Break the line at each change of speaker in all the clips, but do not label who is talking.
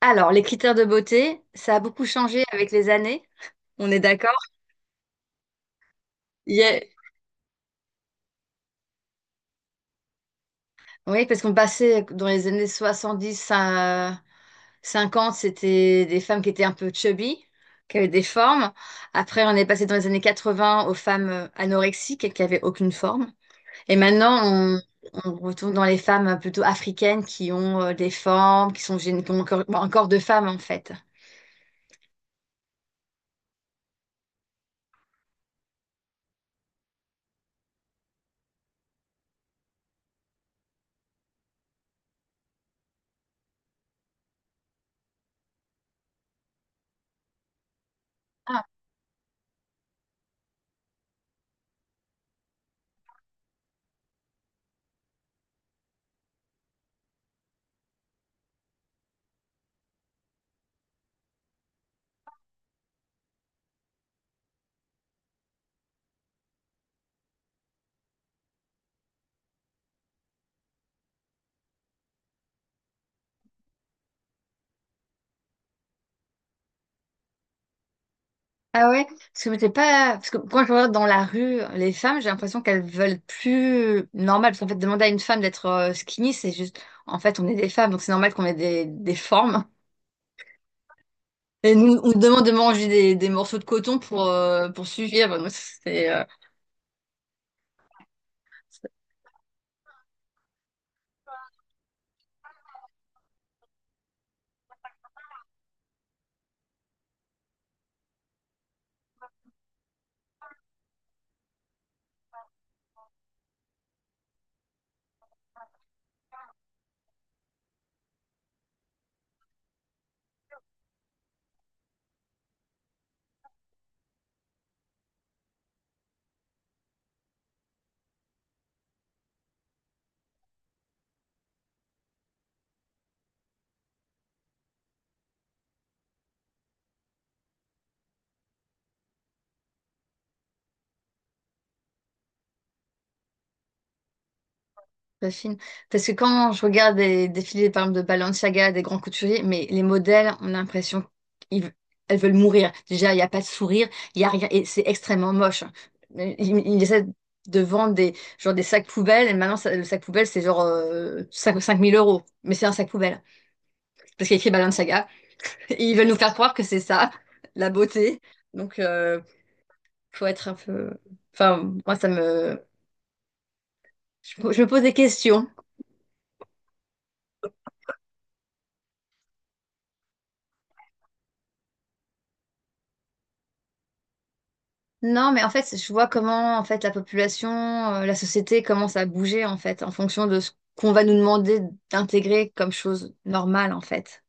Alors, les critères de beauté, ça a beaucoup changé avec les années, on est d'accord? Il y a- Oui, parce qu'on passait dans les années 70 à 50, c'était des femmes qui étaient un peu chubby, qui avaient des formes. Après, on est passé dans les années 80 aux femmes euh, anorexiques qui avaient aucune forme. Et maintenant, on, on retourne dans les femmes euh, plutôt africaines qui ont euh, des formes, qui sont gén- qui ont un corps, un corps de femme en fait. Ah ouais, parce que c'est pas parce que quand je regarde dans la rue les femmes, j'ai l'impression qu'elles veulent plus normal parce qu'en fait demander à une femme d'être euh, skinny, c'est juste en fait on est des femmes donc c'est normal qu'on ait des, des formes et nous on nous demande de manger des, des morceaux de coton pour euh, pour suivre. Donc, c'est euh, Pas fine. Parce que quand je regarde des défilés, par exemple, de Balenciaga, des grands couturiers, mais les modèles, on a l'impression qu'elles veulent mourir. Déjà, il n'y a pas de sourire, il y a rien, et c'est extrêmement moche. Ils, ils essaient de vendre des, genre des sacs poubelles, et maintenant, ça- le sac poubelle, c'est genre euh, 5 5000 euros. Mais c'est un sac poubelle, parce qu'il y a écrit Balenciaga. Et ils veulent nous faire croire que c'est ça, la beauté. Donc, euh, faut être un peu... Enfin, moi, ça me... Je, me je me pose des questions. Non, mais en fait, je vois comment en fait la population, euh, la société commence à bouger en fait en fonction de ce qu'on va nous demander d'intégrer comme chose normale en fait.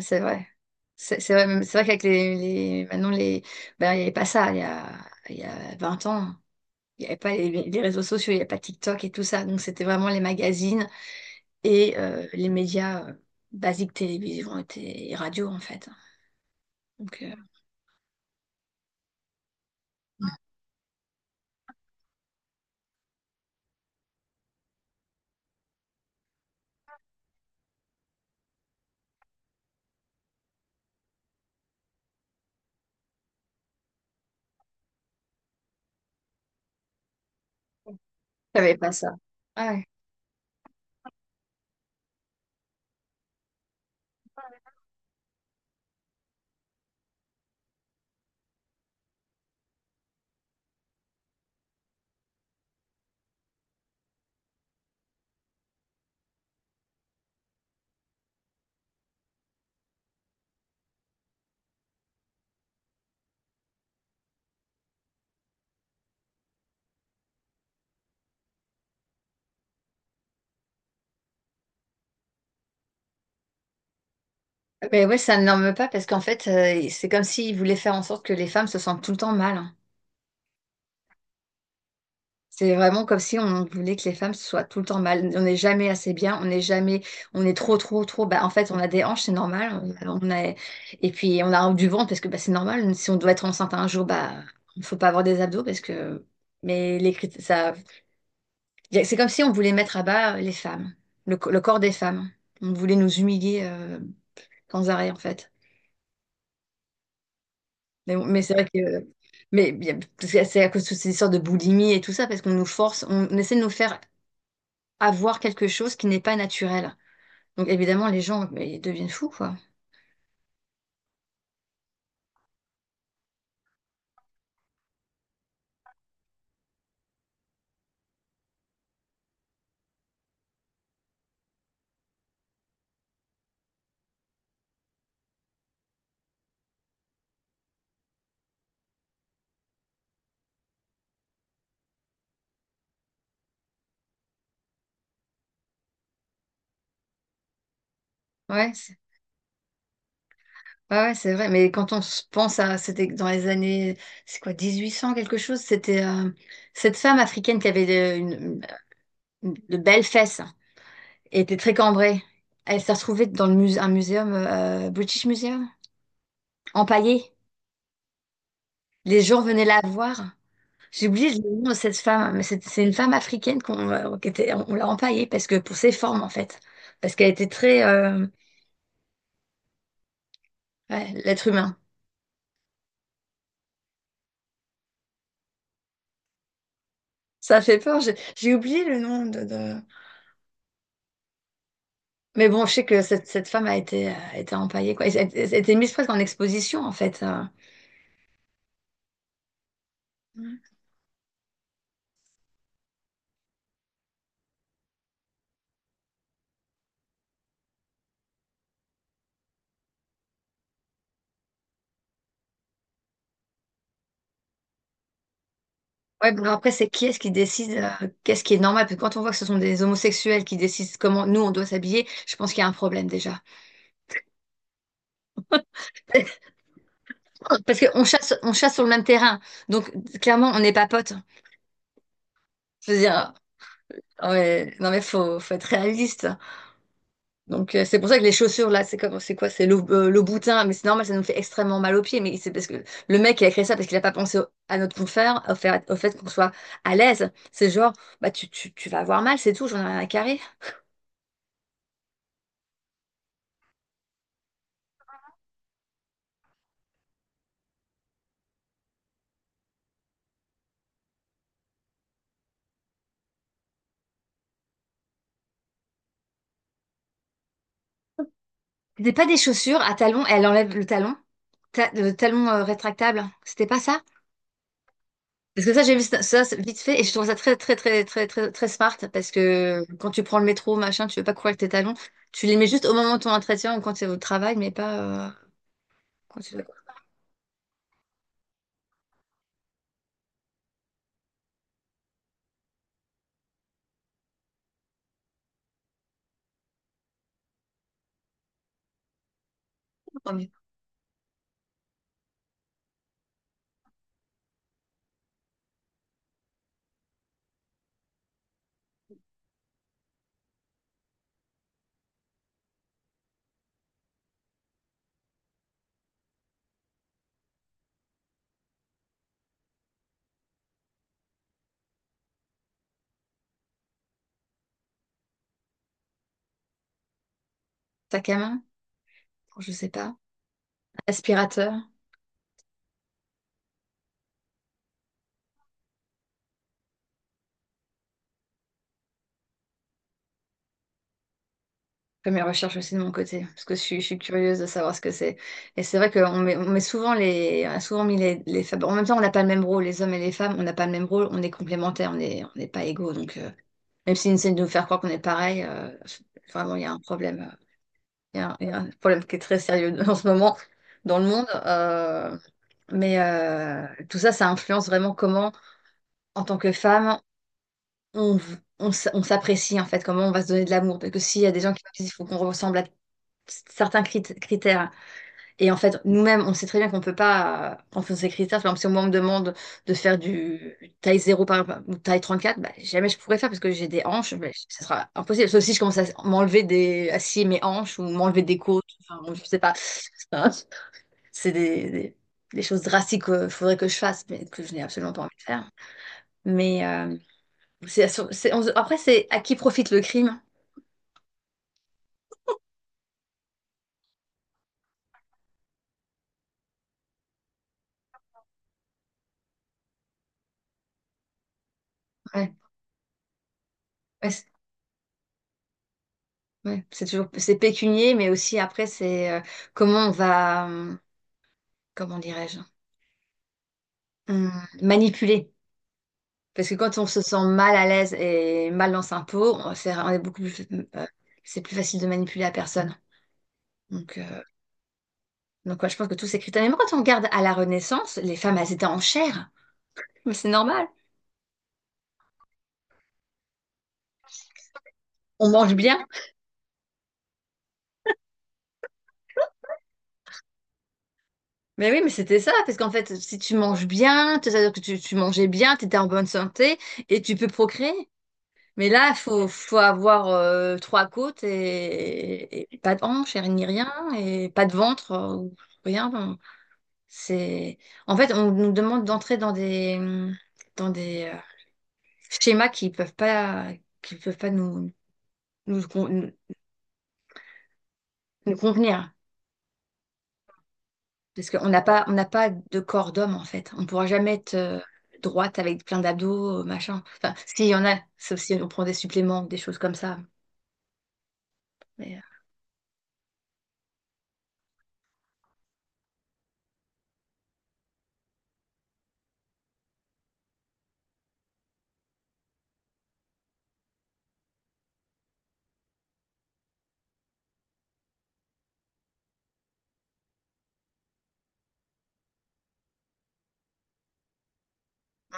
C'est vrai. C'est c'est vrai, même- c'est vrai qu'avec les, les- maintenant les ben, il n'y avait pas ça il y a, il y a 20 ans. Il n'y avait pas les, les réseaux sociaux, il n'y avait pas TikTok et tout ça. Donc c'était vraiment les magazines et euh, les médias euh, basiques télévision et, té- et radio en fait. Donc euh, il n'y avait pas ça. Ouais. Mais ouais, ça ne norme pas parce qu'en fait, euh, c'est comme s'ils voulaient faire en sorte que les femmes se sentent tout le temps mal. hein. C'est vraiment comme si on voulait que les femmes soient tout le temps mal. On n'est jamais assez bien, on n'est jamais, on est trop, trop, trop. Bah, en fait, on a des hanches, c'est normal. Euh, On a, et puis, on a du ventre parce que bah, c'est normal. Si on doit être enceinte un jour, bah, il ne faut pas avoir des abdos parce que. Mais les crit- ça, c'est comme si on voulait mettre à bas les femmes, le, co- le corps des femmes. On voulait nous humilier euh, sans arrêt, en fait. Mais, bon, mais c'est vrai que mais bien- parce que c'est à cause de ces histoires de boulimie et tout ça, parce qu'on nous force, on, on essaie de nous faire avoir quelque chose qui n'est pas naturel. Donc évidemment, les gens, mais ils deviennent fous, quoi. Ouais, c'est ouais, ouais, c'est vrai. Mais quand on se pense à, c'était dans les années, c'est quoi, 1800 quelque chose, c'était euh, cette femme africaine qui avait de, une- une- de belles fesses et était très cambrée. Elle s'est retrouvée dans le musée, un muséum, euh, British Museum, empaillée. Les gens venaient la voir. J'ai oublié le nom de cette femme, mais c'est c'est une femme africaine qu'on euh, qui était- on l'a empaillée parce que pour ses formes en fait, parce qu'elle était très euh, ouais, l'être humain. Ça fait peur. J'ai j'ai oublié le nom de, de- Mais bon, je sais que cette, cette femme a été, euh, a été empaillée quoi. Et Elle, elle a été mise presque en exposition en fait. euh. Ouais, bon, après c'est qui est-ce qui décide euh, qu'est-ce qui est normal? Parce que quand on voit que ce sont des homosexuels qui décident comment nous on doit s'habiller, je pense qu'il y a un problème déjà. Parce qu'on chasse, on chasse sur le même terrain, donc clairement on n'est pas potes. Je veux dire. Ouais, non mais faut, faut être réaliste. Donc euh, c'est pour ça que les chaussures là, c'est comme, c'est quoi? C'est le, euh, le boutin, mais c'est normal, ça nous fait extrêmement mal aux pieds. Mais c'est parce que le mec il a créé ça parce qu'il a pas pensé au- à notre confort, au fait, au fait qu'on soit à l'aise. C'est genre, bah tu, tu, tu vas avoir mal, c'est tout, j'en ai rien à carrer. C'était pas des chaussures à talons, elle enlève le talon, ta- le talon euh, rétractable. C'était pas ça? Parce que ça, j'ai vu ça, ça, c'est vite fait et je trouve ça très, très, très, très, très, très smart parce que quand tu prends le métro, machin, tu veux pas courir avec tes talons. Tu les mets juste au moment de ton entretien ou quand tu es au travail, mais pas euh, quand tu vas courir. Tant mieux. Sac à main, je sais pas. Aspirateur. Je fais mes recherches aussi de mon côté parce que je suis, je suis curieuse de savoir ce que c'est. Et c'est vrai qu'on met, on met souvent les, on a souvent mis les, les femmes. En même temps, on n'a pas le même rôle, les hommes et les femmes, on n'a pas le même rôle, on est complémentaires, on est, on n'est pas égaux. Donc, euh, même s'ils essaient de nous faire croire qu'on est pareil, euh, vraiment, il y a un problème. euh, Il y a, il y a un problème qui est très sérieux en ce moment dans le monde. euh, mais euh, tout ça, ça influence vraiment comment, en tant que femme, on, v- on, s- on s'apprécie, en fait, comment on va se donner de l'amour. Parce que s'il y a des gens qui me disent il faut qu'on ressemble à certains crit- critères, et en fait, nous-mêmes, on sait très bien qu'on peut pas, quand on fait ces critères, par exemple, si moi on me demande de faire du taille zéro par exemple, ou taille 34, bah, jamais je pourrais faire parce que j'ai des hanches, mais ce sera impossible. Sauf si je commence à m'enlever des, à scier mes hanches ou m'enlever des côtes, enfin, bon, je sais pas. Hein, C'est des, des- des choses drastiques qu'il faudrait que je fasse, mais que je n'ai absolument pas envie de faire. Mais euh, c'est, c'est- on- après, c'est à qui profite le crime? Ouais, ouais, c'est ouais, c'est toujours, c'est pécunier, mais aussi après, c'est euh, comment on va. hum, comment dirais-je, Hum, manipuler. Parce que quand on se sent mal à l'aise et mal dans sa peau, on, c'est, on est beaucoup plus, euh, c'est plus facile de manipuler la personne. Donc, euh, donc ouais, je pense que tous ces critères. Mais même quand on regarde à la Renaissance, les femmes, elles étaient en chair. Mais c'est normal. On mange bien. Mais oui, mais c'était ça. Parce qu'en fait, si tu manges bien, c'est-à-dire que tu, tu mangeais bien, tu étais en bonne santé et tu peux procréer. Mais là, faut, faut avoir euh, trois côtes et, et pas de hanches et ni rien et pas de ventre. euh, ou Rien, C'est... En fait, on nous demande d'entrer dans des, mmh, dans des euh, schémas qui peuvent pas, qui peuvent pas nous, nous, con- nous convenir. Parce qu'on n'a pas, on n'a pas de corps d'homme, en fait. On ne pourra jamais être euh, droite avec plein d'abdos, machin. Enfin, s'il y en a, sauf si on prend des suppléments, des choses comme ça. Mais, euh,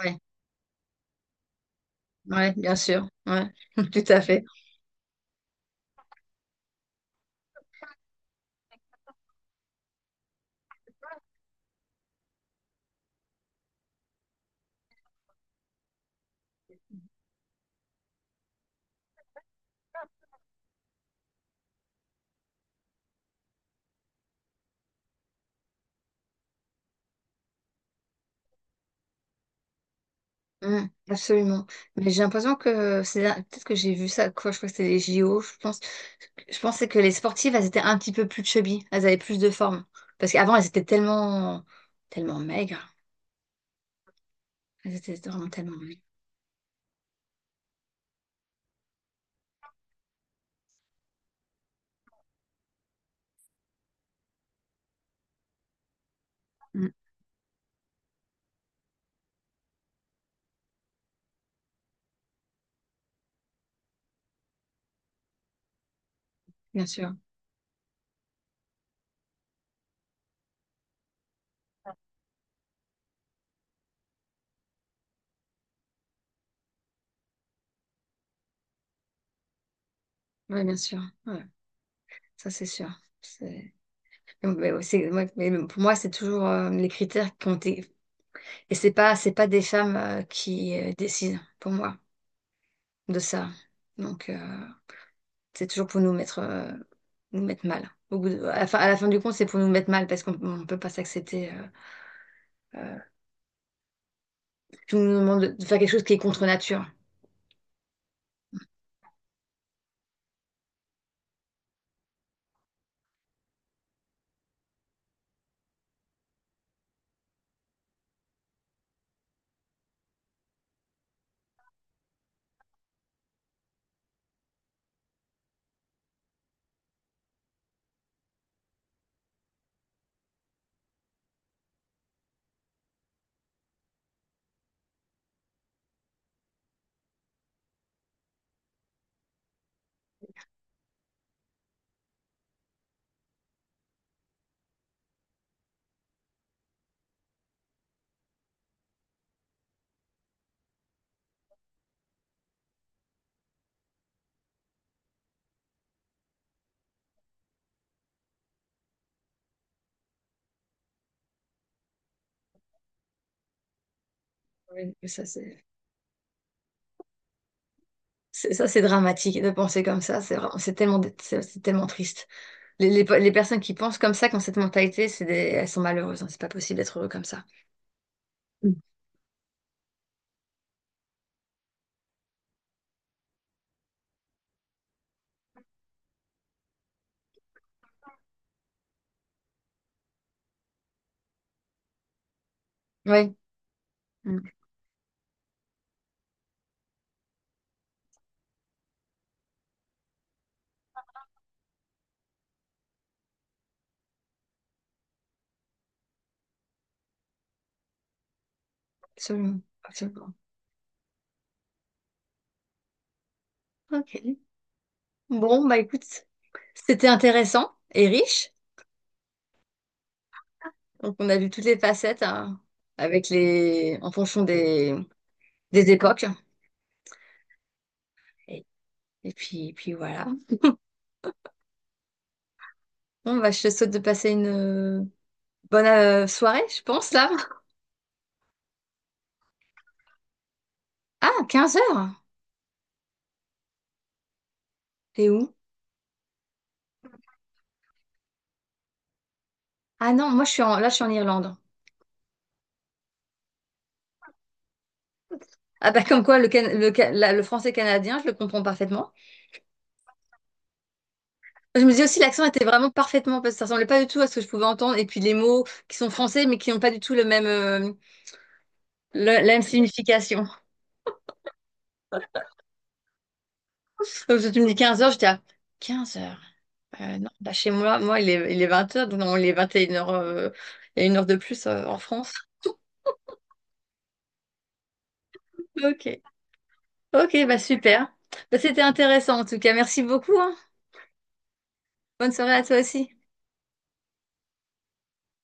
ouais, ouais, bien sûr. Ouais, tout à fait. Mm, absolument. Mais j'ai l'impression que c'est peut-être que j'ai vu ça quoi, je crois que c'était les JO, je pense. Je pensais que les sportives, elles étaient un petit peu plus chubby, elles avaient plus de forme. Parce qu'avant, elles étaient tellement tellement maigres. Elles étaient vraiment tellement maigres. Mm, bien sûr. Oui, bien sûr. Ouais, ça c'est sûr. C'est- Mais, mais ouais, c'est- ouais, mais pour moi, c'est toujours euh, les critères qui ont été. Et c'est pas c'est pas des femmes euh, qui euh, décident pour moi de ça. Donc euh, C'est toujours pour nous mettre, euh, nous mettre mal. Au bout de- à la fin, à la fin du compte, c'est pour nous mettre mal parce qu'on ne peut pas s'accepter. euh, euh, tout nous demande de de faire quelque chose qui est contre nature. Oui, mais ça, c'est c'est- ça, c'est dramatique de penser comme ça. C'est vraiment- c'est tellement, dé- c'est c'est tellement triste. Les, les, pe- les personnes qui pensent comme ça, qui ont cette mentalité, c'est des, elles sont malheureuses. hein. C'est pas possible d'être heureux comme ça. Mm. Oui, Mm. absolument, absolument. Ok. Bon, bah écoute, c'était intéressant et riche. Donc on a vu toutes les facettes hein, avec les en fonction des, des époques. Et, et puis, puis voilà. Bon, bah je te souhaite de passer une euh, bonne euh, soirée, je pense, là. Ah, quinze heures. T'es où? Ah non, moi je suis en... là, je suis en Irlande. Ah bah comme quoi le, can- le, ca- la- le français canadien, je le comprends parfaitement. Je me dis aussi l'accent était vraiment parfaitement parce que ça ressemblait pas du tout à ce que je pouvais entendre. Et puis les mots qui sont français mais qui n'ont pas du tout le même, euh, le- la même signification. Donc, si tu me dis 15h, j'étais à quinze heures. Euh, non, bah, chez moi, moi, il est, il est vingt heures, donc non, il est 21h. euh, il y a une heure de plus euh, en France. Ok. Ok, bah super. Bah, c'était intéressant en tout cas. Merci beaucoup, hein. Bonne soirée à toi aussi.